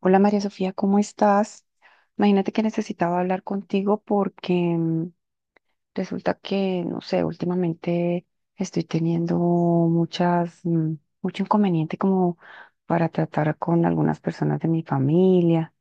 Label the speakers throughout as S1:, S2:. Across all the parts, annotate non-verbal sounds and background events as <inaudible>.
S1: Hola María Sofía, ¿cómo estás? Imagínate que necesitaba hablar contigo porque resulta que, no sé, últimamente estoy teniendo mucho inconveniente como para tratar con algunas personas de mi familia.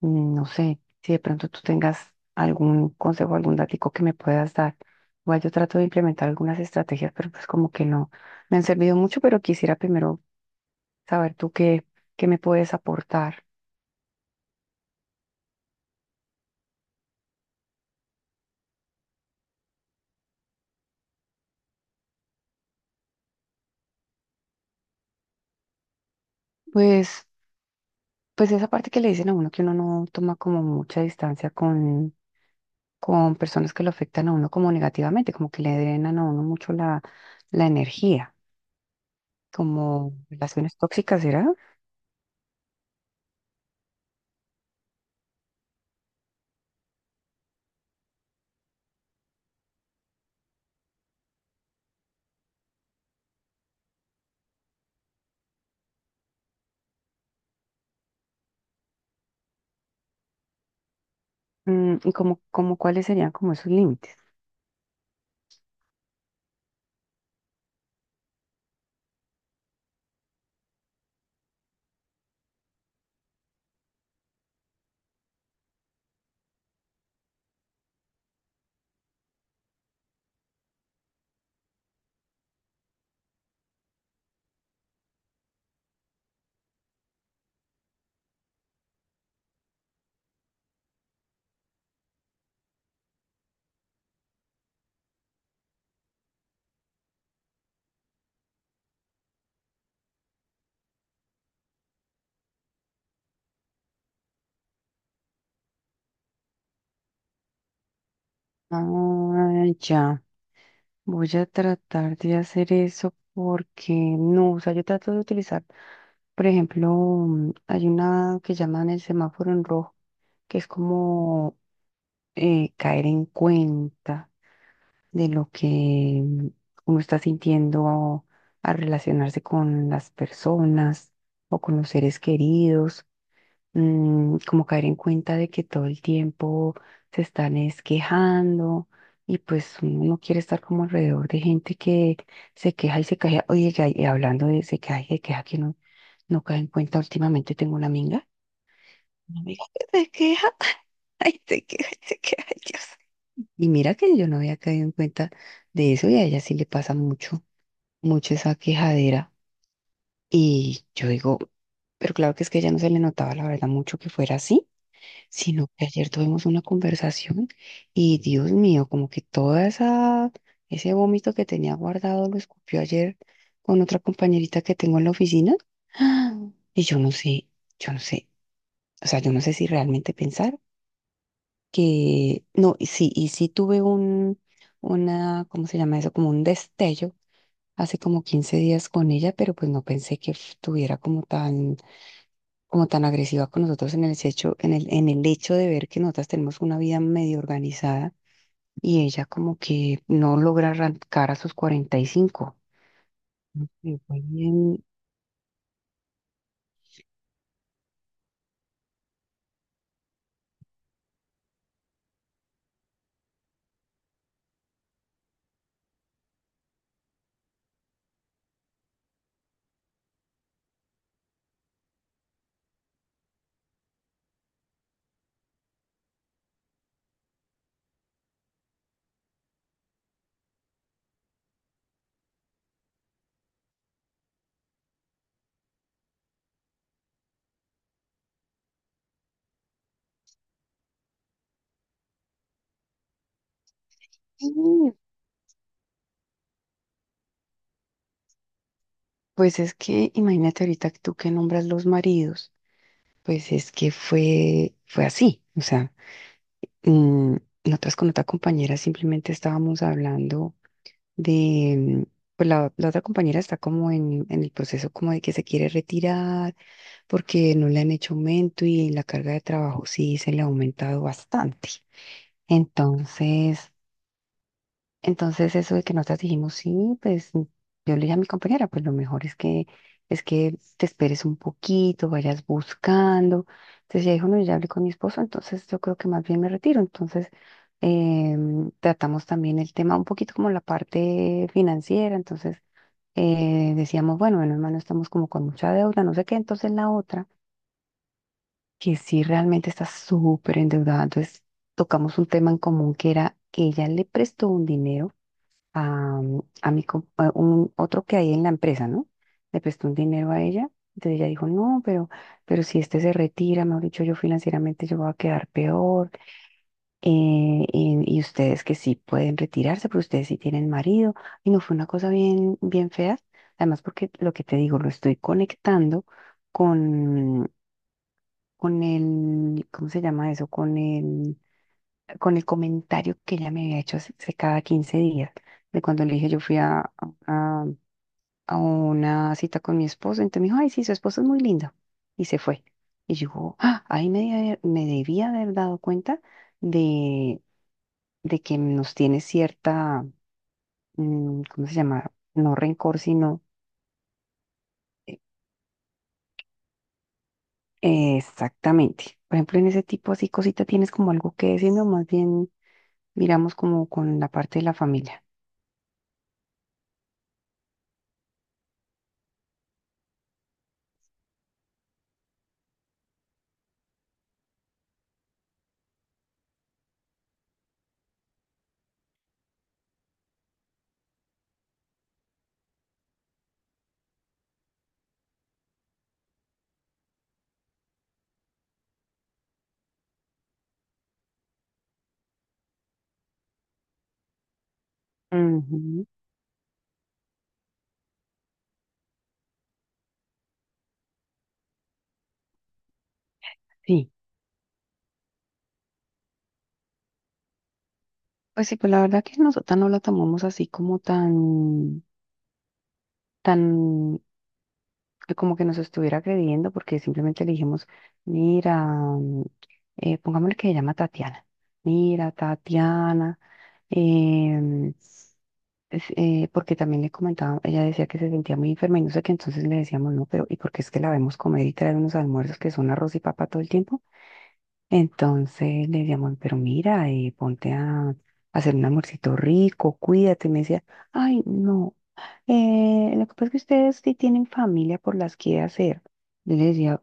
S1: No sé si de pronto tú tengas algún consejo, algún datico que me puedas dar. Igual yo trato de implementar algunas estrategias, pero pues como que no me han servido mucho, pero quisiera primero saber tú qué me puedes aportar. Pues. Pues esa parte que le dicen a uno, que uno no toma como mucha distancia con personas que lo afectan a uno como negativamente, como que le drenan a uno mucho la energía, como relaciones tóxicas, ¿será? ¿Y como cuáles serían como esos límites? Ah, ya, voy a tratar de hacer eso, porque no, o sea, yo trato de utilizar, por ejemplo, hay una que llaman el semáforo en rojo, que es como caer en cuenta de lo que uno está sintiendo al relacionarse con las personas o con los seres queridos. Como caer en cuenta de que todo el tiempo se están es quejando, y pues uno no quiere estar como alrededor de gente que se queja y se queja. Oye, y hablando de se queja y se queja, que no, no cae en cuenta, últimamente tengo una amiga que se queja, <laughs> ay, se queja, y se queja, ay, Dios. Y mira que yo no había caído en cuenta de eso, y a ella sí le pasa mucho, mucho esa quejadera. Y yo digo, pero claro, que es que a ella no se le notaba la verdad mucho que fuera así, sino que ayer tuvimos una conversación y, Dios mío, como que toda ese vómito que tenía guardado lo escupió ayer con otra compañerita que tengo en la oficina. <gasps> ¡Ah! Y yo no sé, yo no sé, o sea, yo no sé si realmente pensar que no, y sí tuve una, ¿cómo se llama eso?, como un destello hace como 15 días con ella, pero pues no pensé que tuviera como tan agresiva con nosotros en el hecho, en el hecho de ver que nosotras tenemos una vida medio organizada, y ella como que no logra arrancar a sus 45. Y fue bien, y, pues es que imagínate ahorita que tú que nombras los maridos, pues es que fue así. O sea, Mm, nosotras con otra compañera simplemente estábamos hablando de, pues la otra compañera está como en el proceso, como de que se quiere retirar porque no le han hecho aumento y la carga de trabajo sí se le ha aumentado bastante. Entonces, eso de que nosotras dijimos, sí, pues yo le dije a mi compañera, pues lo mejor es que te esperes un poquito, vayas buscando. Entonces ella dijo, no, yo ya hablé con mi esposo, entonces yo creo que más bien me retiro. Entonces, tratamos también el tema un poquito, como la parte financiera. Entonces, decíamos, bueno, bueno, hermano, estamos como con mucha deuda, no sé qué. Entonces, la otra, que sí realmente está súper endeudada, entonces tocamos un tema en común, que era que ella le prestó un dinero a, mm, a mi, com- a un otro que hay en la empresa, ¿no? Le prestó un dinero a ella. Entonces ella dijo, no, pero si este se retira, mejor dicho, yo financieramente yo voy a quedar peor. Y ustedes que sí pueden retirarse, pero ustedes sí tienen marido. Y no fue una cosa bien, bien fea. Además, porque lo que te digo, lo estoy conectando con, con el, ¿cómo se llama eso?, con el comentario que ella me había hecho hace cada 15 días, de cuando le dije yo fui a, a una cita con mi esposo. Entonces me dijo, ay, sí, su esposo es muy lindo, y se fue. Y yo, ah, ahí me debía haber dado cuenta de, de que nos tiene cierta, ¿cómo se llama?, no rencor, sino... eh, exactamente. Por ejemplo, en ese tipo así cosita tienes como algo que decir, no, más bien miramos como con la parte de la familia. Ujú. Sí. Pues sí, pues la verdad que nosotras no lo tomamos así como tan, como que nos estuviera agrediendo, porque simplemente le dijimos, mira, pongámosle que se llama Tatiana. Mira, Tatiana, em, porque también le comentaba, ella decía que se sentía muy enferma y no sé qué, entonces le decíamos, no, pero ¿y porque es que la vemos comer y traer unos almuerzos que son arroz y papa todo el tiempo? Entonces le llamó, pero mira, ponte a hacer un amorcito rico, cuídate. Y me decía, ay, no, lo que pasa es que ustedes sí tienen familia por las que hacer. Yo le decía,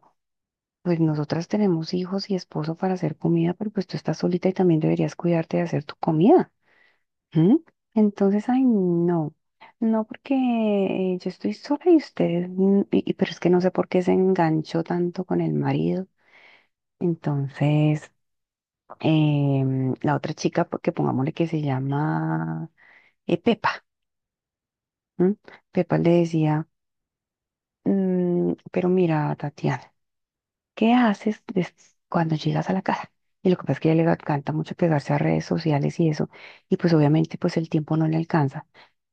S1: pues nosotras tenemos hijos y esposo para hacer comida, pero pues tú estás solita y también deberías cuidarte de hacer tu comida. ¿M? Entonces, ay, no, no, porque yo estoy sola y ustedes, pero es que no sé por qué se enganchó tanto con el marido. Entonces, la otra chica, porque pongámosle que se llama Pepa. ¿M? Pepa le decía, " Pero mira, Tatiana, ¿qué haces cuando llegas a la casa? Y lo que pasa es que a ella le encanta mucho pegarse a redes sociales y eso, y pues obviamente pues el tiempo no le alcanza,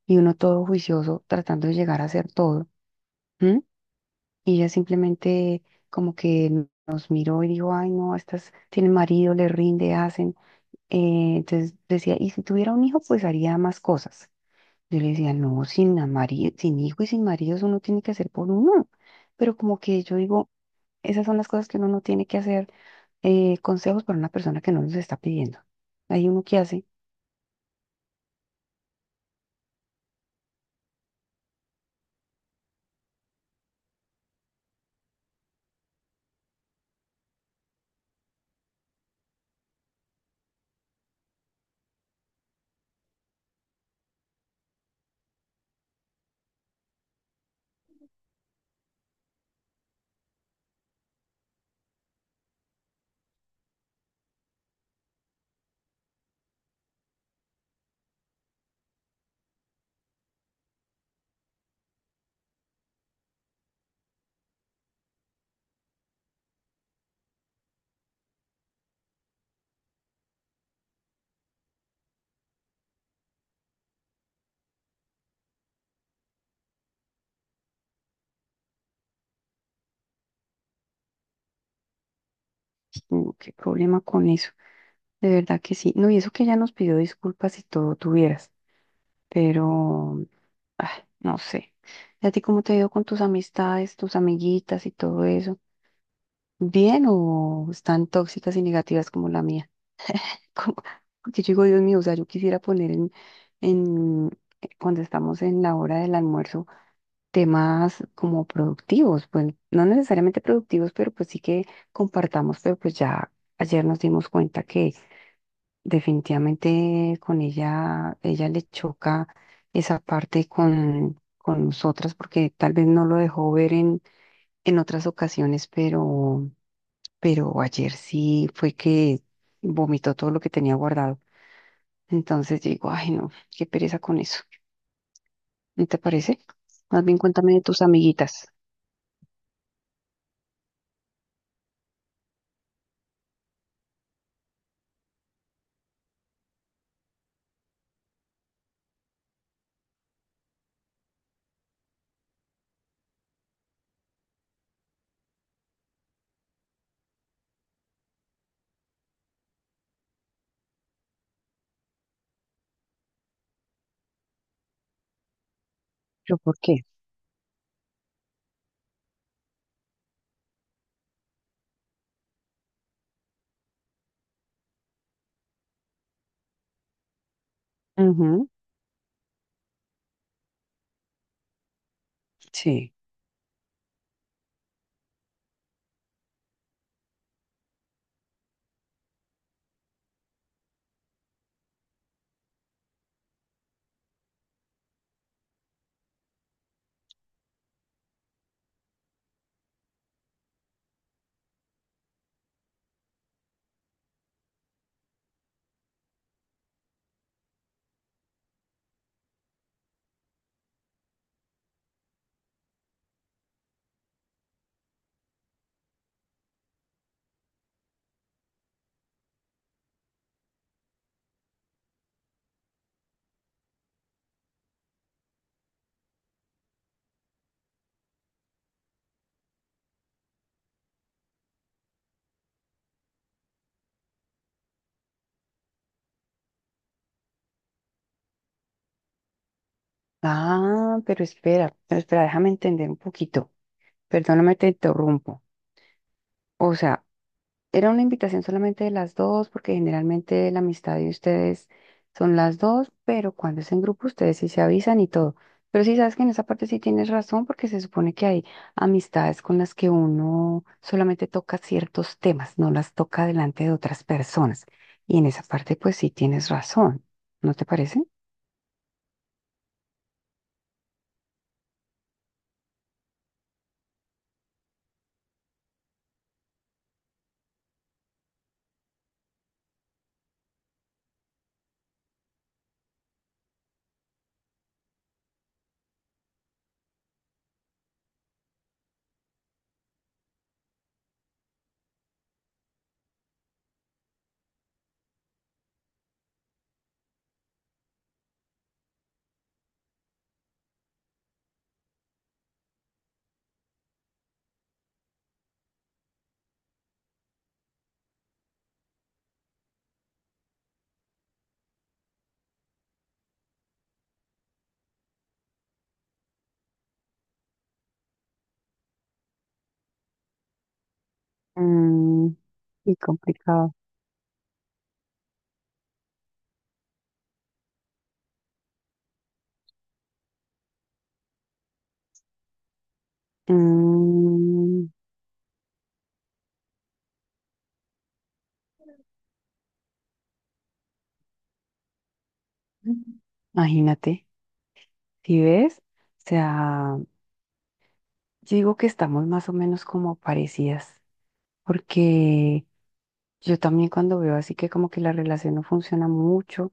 S1: y uno todo juicioso tratando de llegar a hacer todo. ¿M? Y ella simplemente como que nos miró y dijo, ay, no, estas tienen marido, le rinde, hacen. Entonces decía, y si tuviera un hijo, pues haría más cosas. Yo le decía, no, sin hijo y sin marido, eso uno tiene que hacer por uno. Pero como que yo digo, esas son las cosas que uno no tiene que hacer, consejos para una persona que no los está pidiendo. Hay uno que hace. Qué problema con eso. De verdad que sí. No, y eso que ella nos pidió disculpas y todo tuvieras, pero, ah, no sé. ¿Y a ti cómo te ha ido con tus amistades, tus amiguitas y todo eso? ¿Bien o están tóxicas y negativas como la mía? <laughs> Como- Porque yo digo, Dios mío, o sea, yo quisiera poner en cuando estamos en la hora del almuerzo, temas como productivos, pues no necesariamente productivos, pero pues sí que compartamos, pero pues ya ayer nos dimos cuenta que definitivamente con ella, ella le choca esa parte con nosotras, porque tal vez no lo dejó ver en otras ocasiones, pero ayer sí fue que vomitó todo lo que tenía guardado. Entonces digo, ay, no, qué pereza con eso. ¿No te parece? Más bien cuéntame de tus amiguitas. ¿Pero por qué? Ujú, sí. Ah, pero espera, déjame entender un poquito. Perdóname, te interrumpo. O sea, ¿era una invitación solamente de las dos, porque generalmente la amistad de ustedes son las dos, pero cuando es en grupo ustedes sí se avisan y todo? Pero sí sabes que en esa parte sí tienes razón, porque se supone que hay amistades con las que uno solamente toca ciertos temas, no las toca delante de otras personas. Y en esa parte pues sí tienes razón, ¿no te parece? Mm, y complicado. Mm, Imagínate, si ves, o sea... Yo digo que estamos más o menos como parecidas, porque yo también cuando veo así que como que la relación no funciona mucho,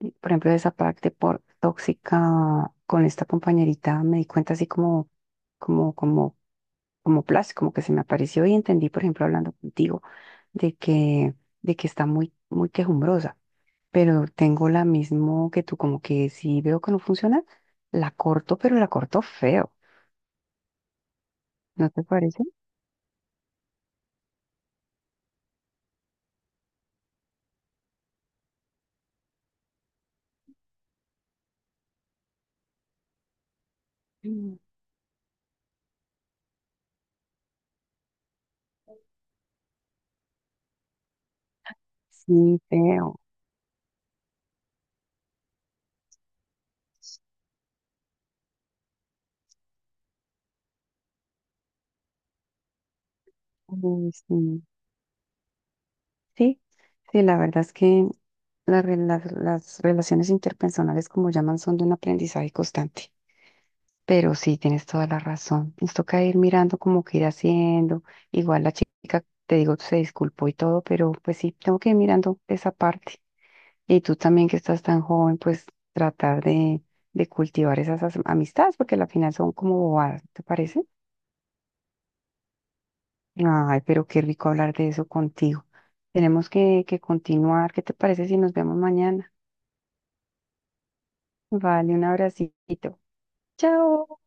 S1: y, por ejemplo, de esa parte por tóxica con esta compañerita, me di cuenta así como, como, como flash, como que se me apareció y entendí, por ejemplo, hablando contigo, de que, de que está muy, muy quejumbrosa, pero tengo la mismo que tú, como que si veo que no funciona, la corto, pero la corto feo, ¿no te parece? Mm. Sí, feo. Mm. Sí, sí, sí, la verdad es que las relaciones interpersonales, como llaman, son de un aprendizaje constante. Pero sí, tienes toda la razón. Nos toca ir mirando, como que ir haciendo. Igual la chica, te digo, se disculpó y todo, pero pues sí, tengo que ir mirando esa parte. Y tú también, que estás tan joven, pues tratar de cultivar esas amistades, porque al final son como bobadas, ¿te parece? Ay, pero qué rico hablar de eso contigo. Tenemos que continuar. ¿Qué te parece si nos vemos mañana? Vale, un abracito. Chao.